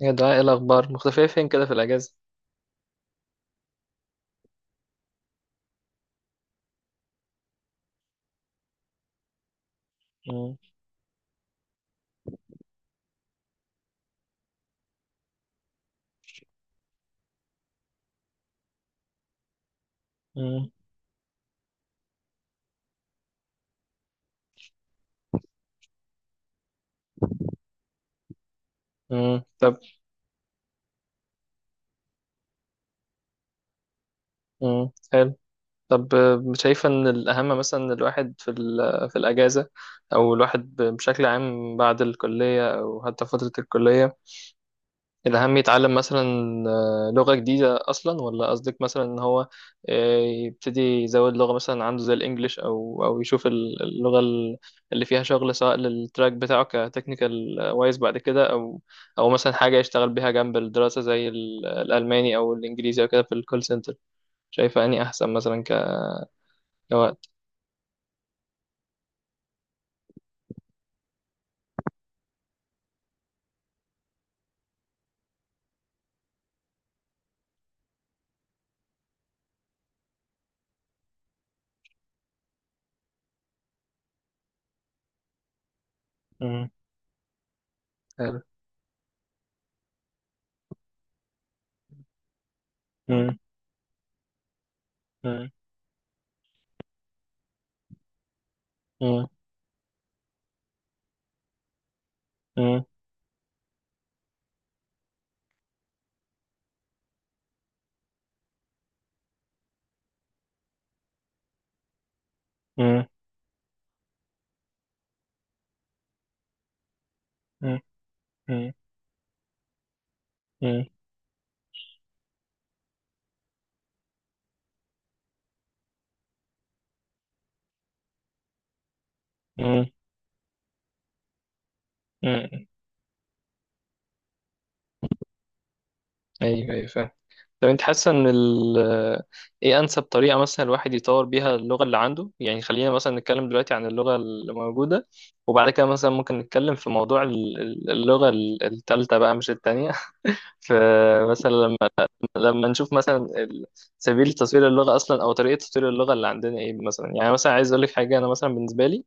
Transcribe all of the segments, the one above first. يا دعاء ايه الاخبار مختفيه فين كده في الاجازه. مم. مم. مم. طب. مم. حلو. طب شايفه ان الاهم مثلا إن الواحد في في الاجازه، او الواحد بشكل عام بعد الكليه او حتى فتره الكليه الأهم يتعلم مثلا لغة جديدة أصلا، ولا قصدك مثلا إن هو يبتدي يزود لغة مثلا عنده زي الإنجليش، أو أو يشوف اللغة اللي فيها شغل سواء للتراك بتاعه كتكنيكال وايز بعد كده، أو أو مثلا حاجة يشتغل بيها جنب الدراسة زي الألماني أو الإنجليزي أو كده في الكول سنتر. شايفة أني أحسن مثلا كوقت. مم. حلو. مم. مم. مم. مم. مم. مم. مم. مم. مم. أيوه أيوه فاهم. طب انت حاسه ان ال ايه انسب طريقه مثلا الواحد يطور بيها اللغه اللي عنده؟ يعني خلينا مثلا نتكلم دلوقتي عن اللغه اللي موجوده، وبعد كده مثلا ممكن نتكلم في موضوع اللغه التالتة بقى مش التانية فمثلا لما لما نشوف مثلا سبيل تطوير اللغه اصلا، او طريقه تطوير اللغه اللي عندنا ايه مثلا. يعني مثلا عايز اقول لك حاجه، انا مثلا بالنسبه لي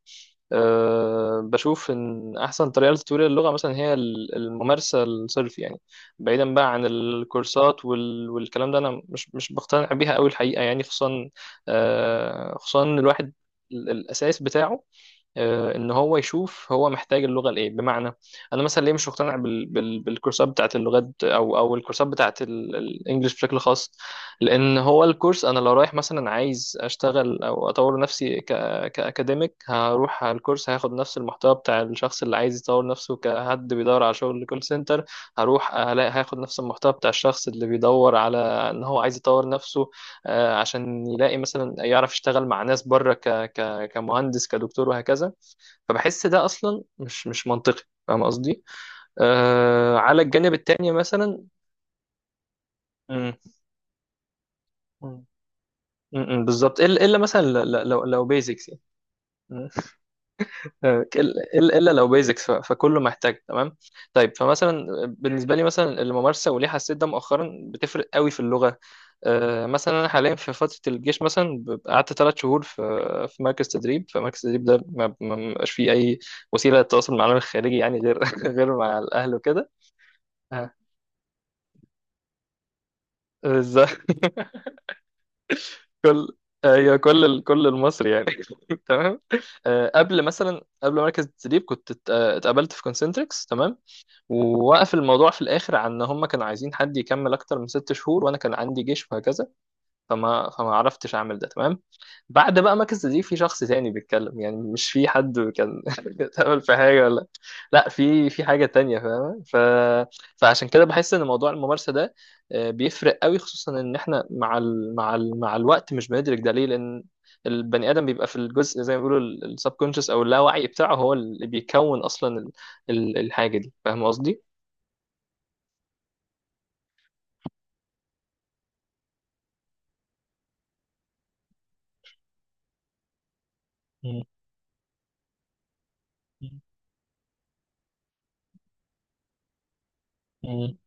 أه بشوف ان احسن طريقه لتطوير اللغه مثلا هي الممارسه الصرف يعني، بعيدا بقى عن الكورسات والكلام ده، انا مش بقتنع بيها قوي الحقيقه، يعني خصوصا أه خصوصا إن الواحد الاساس بتاعه ان هو يشوف هو محتاج اللغه لايه. بمعنى انا مثلا ليه مش مقتنع بالكورسات بتاعت اللغات، او او الكورسات بتاعت الانجليش بشكل خاص، لان هو الكورس انا لو رايح مثلا عايز اشتغل او اطور نفسي كاكاديميك هروح على الكورس هاخد نفس المحتوى بتاع الشخص اللي عايز يطور نفسه كحد بيدور على شغل كول سنتر. هروح هلاقي هاخد نفس المحتوى بتاع الشخص اللي بيدور على ان هو عايز يطور نفسه عشان يلاقي مثلا يعرف يشتغل مع ناس بره كمهندس كدكتور وهكذا. فبحس ده اصلا مش منطقي، فاهم قصدي؟ آه، على الجانب التاني مثلا. مم، مم، مم، بالظبط، الا إلا مثلا لو بيزكس يعني. مم. الا إلا لو بيزكس فكله محتاج تمام. طيب، فمثلا بالنسبه لي مثلا الممارسه، وليه حسيت ده مؤخرا بتفرق قوي في اللغه. مثلا انا حاليا في فتره الجيش مثلا، ببقى قعدت ثلاث شهور في في مركز تدريب. فمركز التدريب ده ما بيبقاش فيه اي وسيله للتواصل مع العالم الخارجي، يعني غير غير مع الاهل وكده. آه، بالظبط كل ايوه كل كل المصري يعني تمام. قبل مثلا قبل مركز التدريب كنت اتقابلت في كونسنتريكس تمام. ووقف الموضوع في الاخر عن ان هم كانوا عايزين حد يكمل اكتر من ست شهور، وانا كان عندي جيش وهكذا، فما عرفتش اعمل ده تمام. بعد بقى ما كذا دي في شخص تاني بيتكلم، يعني مش في حد كان اتقبل في حاجه ولا، لا في في حاجه تانية فاهمه ف... فعشان كده بحس ان موضوع الممارسه ده بيفرق قوي، خصوصا ان احنا مع الوقت مش بندرك ده ليه. لان البني ادم بيبقى في الجزء زي ما بيقولوا السبكونشس او اللاوعي بتاعه، هو اللي بيكون اصلا الحاجه دي، فاهم قصدي؟ مم. مم.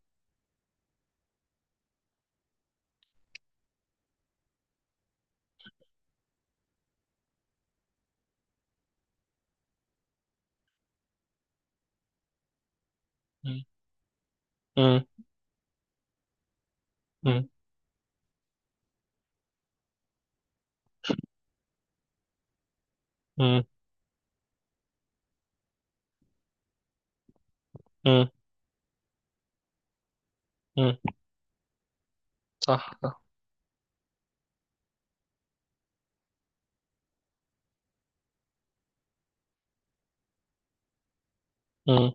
مم. مم. مم. مم. مم. صح صح. مم.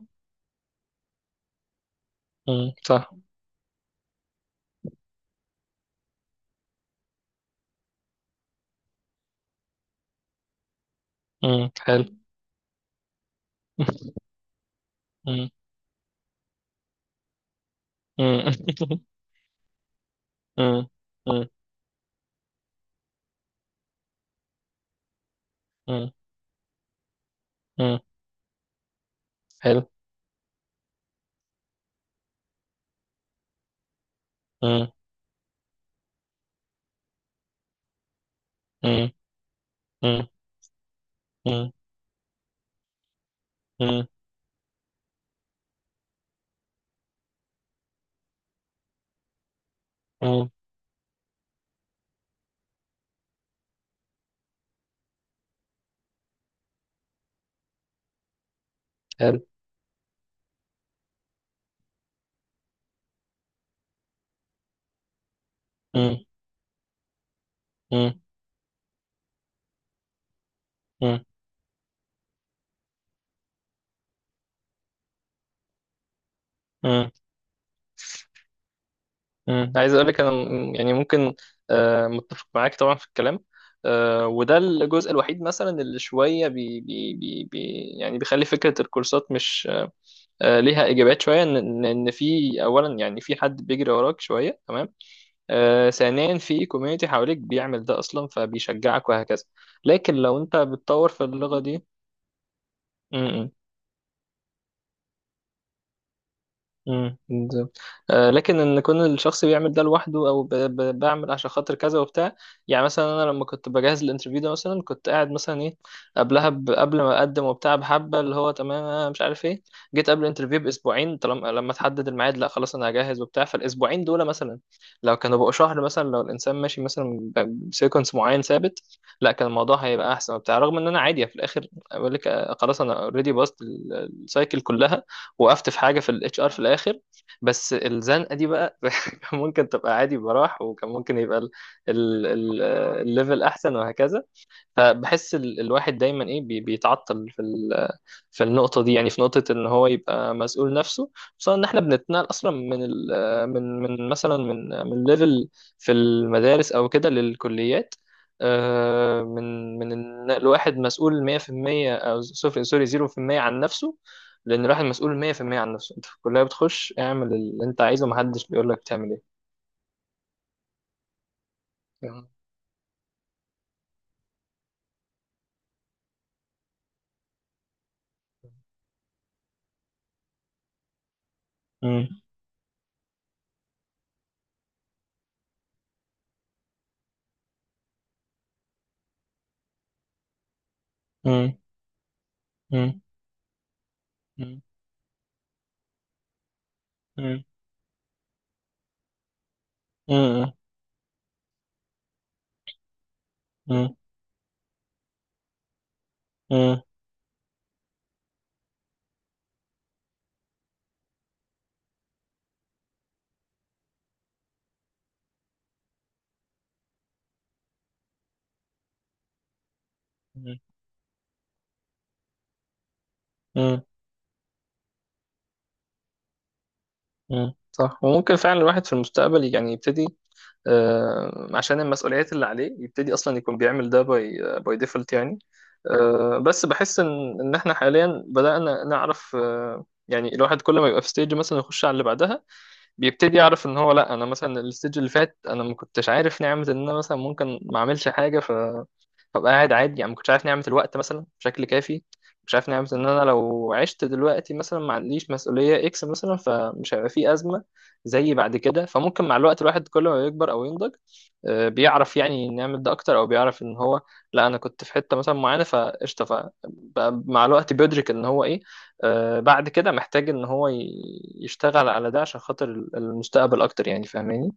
مم. صح. مم. حلو. مم. مم. مم. مم. مم. مم. حلو. مم. مم. مم. مم. مم. مم. حلو. مم. مم. مم. مم. مم. عايز اقول لك انا يعني ممكن متفق معاك طبعا في الكلام. وده الجزء الوحيد مثلا اللي شويه يعني بيخلي فكره الكورسات مش ليها اجابات شويه، ان إن في، اولا يعني في حد بيجري وراك شويه تمام، ثانيا في كوميونتي حواليك بيعمل ده اصلا فبيشجعك وهكذا، لكن لو انت بتطور في اللغه دي. م- م. بالظبط. لكن ان يكون الشخص بيعمل ده لوحده او بعمل عشان خاطر كذا وبتاع. يعني مثلا انا لما كنت بجهز الانترفيو ده مثلا، كنت قاعد مثلا ايه قبلها قبل ما اقدم وبتاع بحبه اللي هو تمام، أنا مش عارف ايه. جيت قبل الانترفيو باسبوعين، طالما لما تحدد الميعاد لا خلاص انا هجهز وبتاع. فالاسبوعين دول مثلا لو كانوا بقوا شهر مثلا، لو الانسان ماشي مثلا بسيكونس معين ثابت، لا كان الموضوع هيبقى احسن وبتاع. رغم ان انا عادي في الاخر بقول لك خلاص انا اوريدي باصت السايكل كلها، وقفت في حاجه في الاتش ار في الاخر، بس الزنقه دي بقى كان ممكن تبقى عادي براح، وكان ممكن يبقى ال- ال- الليفل احسن وهكذا. فبحس الواحد دايما ايه بيتعطل في في النقطة دي، يعني في نقطة إن هو يبقى مسؤول نفسه، خصوصا إن إحنا بنتنقل أصلا من ال آه، من من مثلا من ليفل في المدارس أو كده للكليات. من النقل واحد مسؤول 100%، أو صفر سوري 0% عن نفسه. لأن الواحد مسؤول 100% عن نفسه. أنت في الكلية بتخش اعمل اللي أنت عايزه، محدش بيقول لك تعمل إيه. مم. مم. مم. مم. مم. مم. مم. مم. مم. صح. وممكن فعلا الواحد في المستقبل يعني يبتدي عشان المسؤوليات اللي عليه يبتدي اصلا يكون بيعمل ده باي باي ديفولت يعني. بس بحس ان احنا حاليا بدأنا نعرف يعني الواحد كل ما يبقى في ستيج مثلا يخش على اللي بعدها، بيبتدي يعرف ان هو لا، انا مثلا الستيج اللي فات انا ما كنتش عارف نعمة ان انا مثلا ممكن ما اعملش حاجة ببقى قاعد عادي، يعني ما كنتش عارف نعمة الوقت مثلا بشكل كافي، مش عارف نعمة ان انا لو عشت دلوقتي مثلا ما عنديش مسؤولية اكس مثلا فمش هيبقى في ازمة زي بعد كده. فممكن مع الوقت الواحد كل ما يكبر او ينضج بيعرف يعني نعمل ده اكتر، او بيعرف ان هو لا انا كنت في حتة مثلا معينة فقشطة، فبقى مع الوقت بيدرك ان هو ايه بعد كده محتاج ان هو يشتغل على ده عشان خاطر المستقبل اكتر، يعني فاهماني؟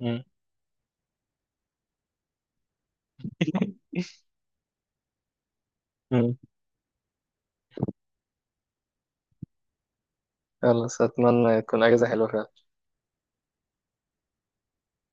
مم. مم. خلاص، اتمنى تكون اجازة حلوة فعلا.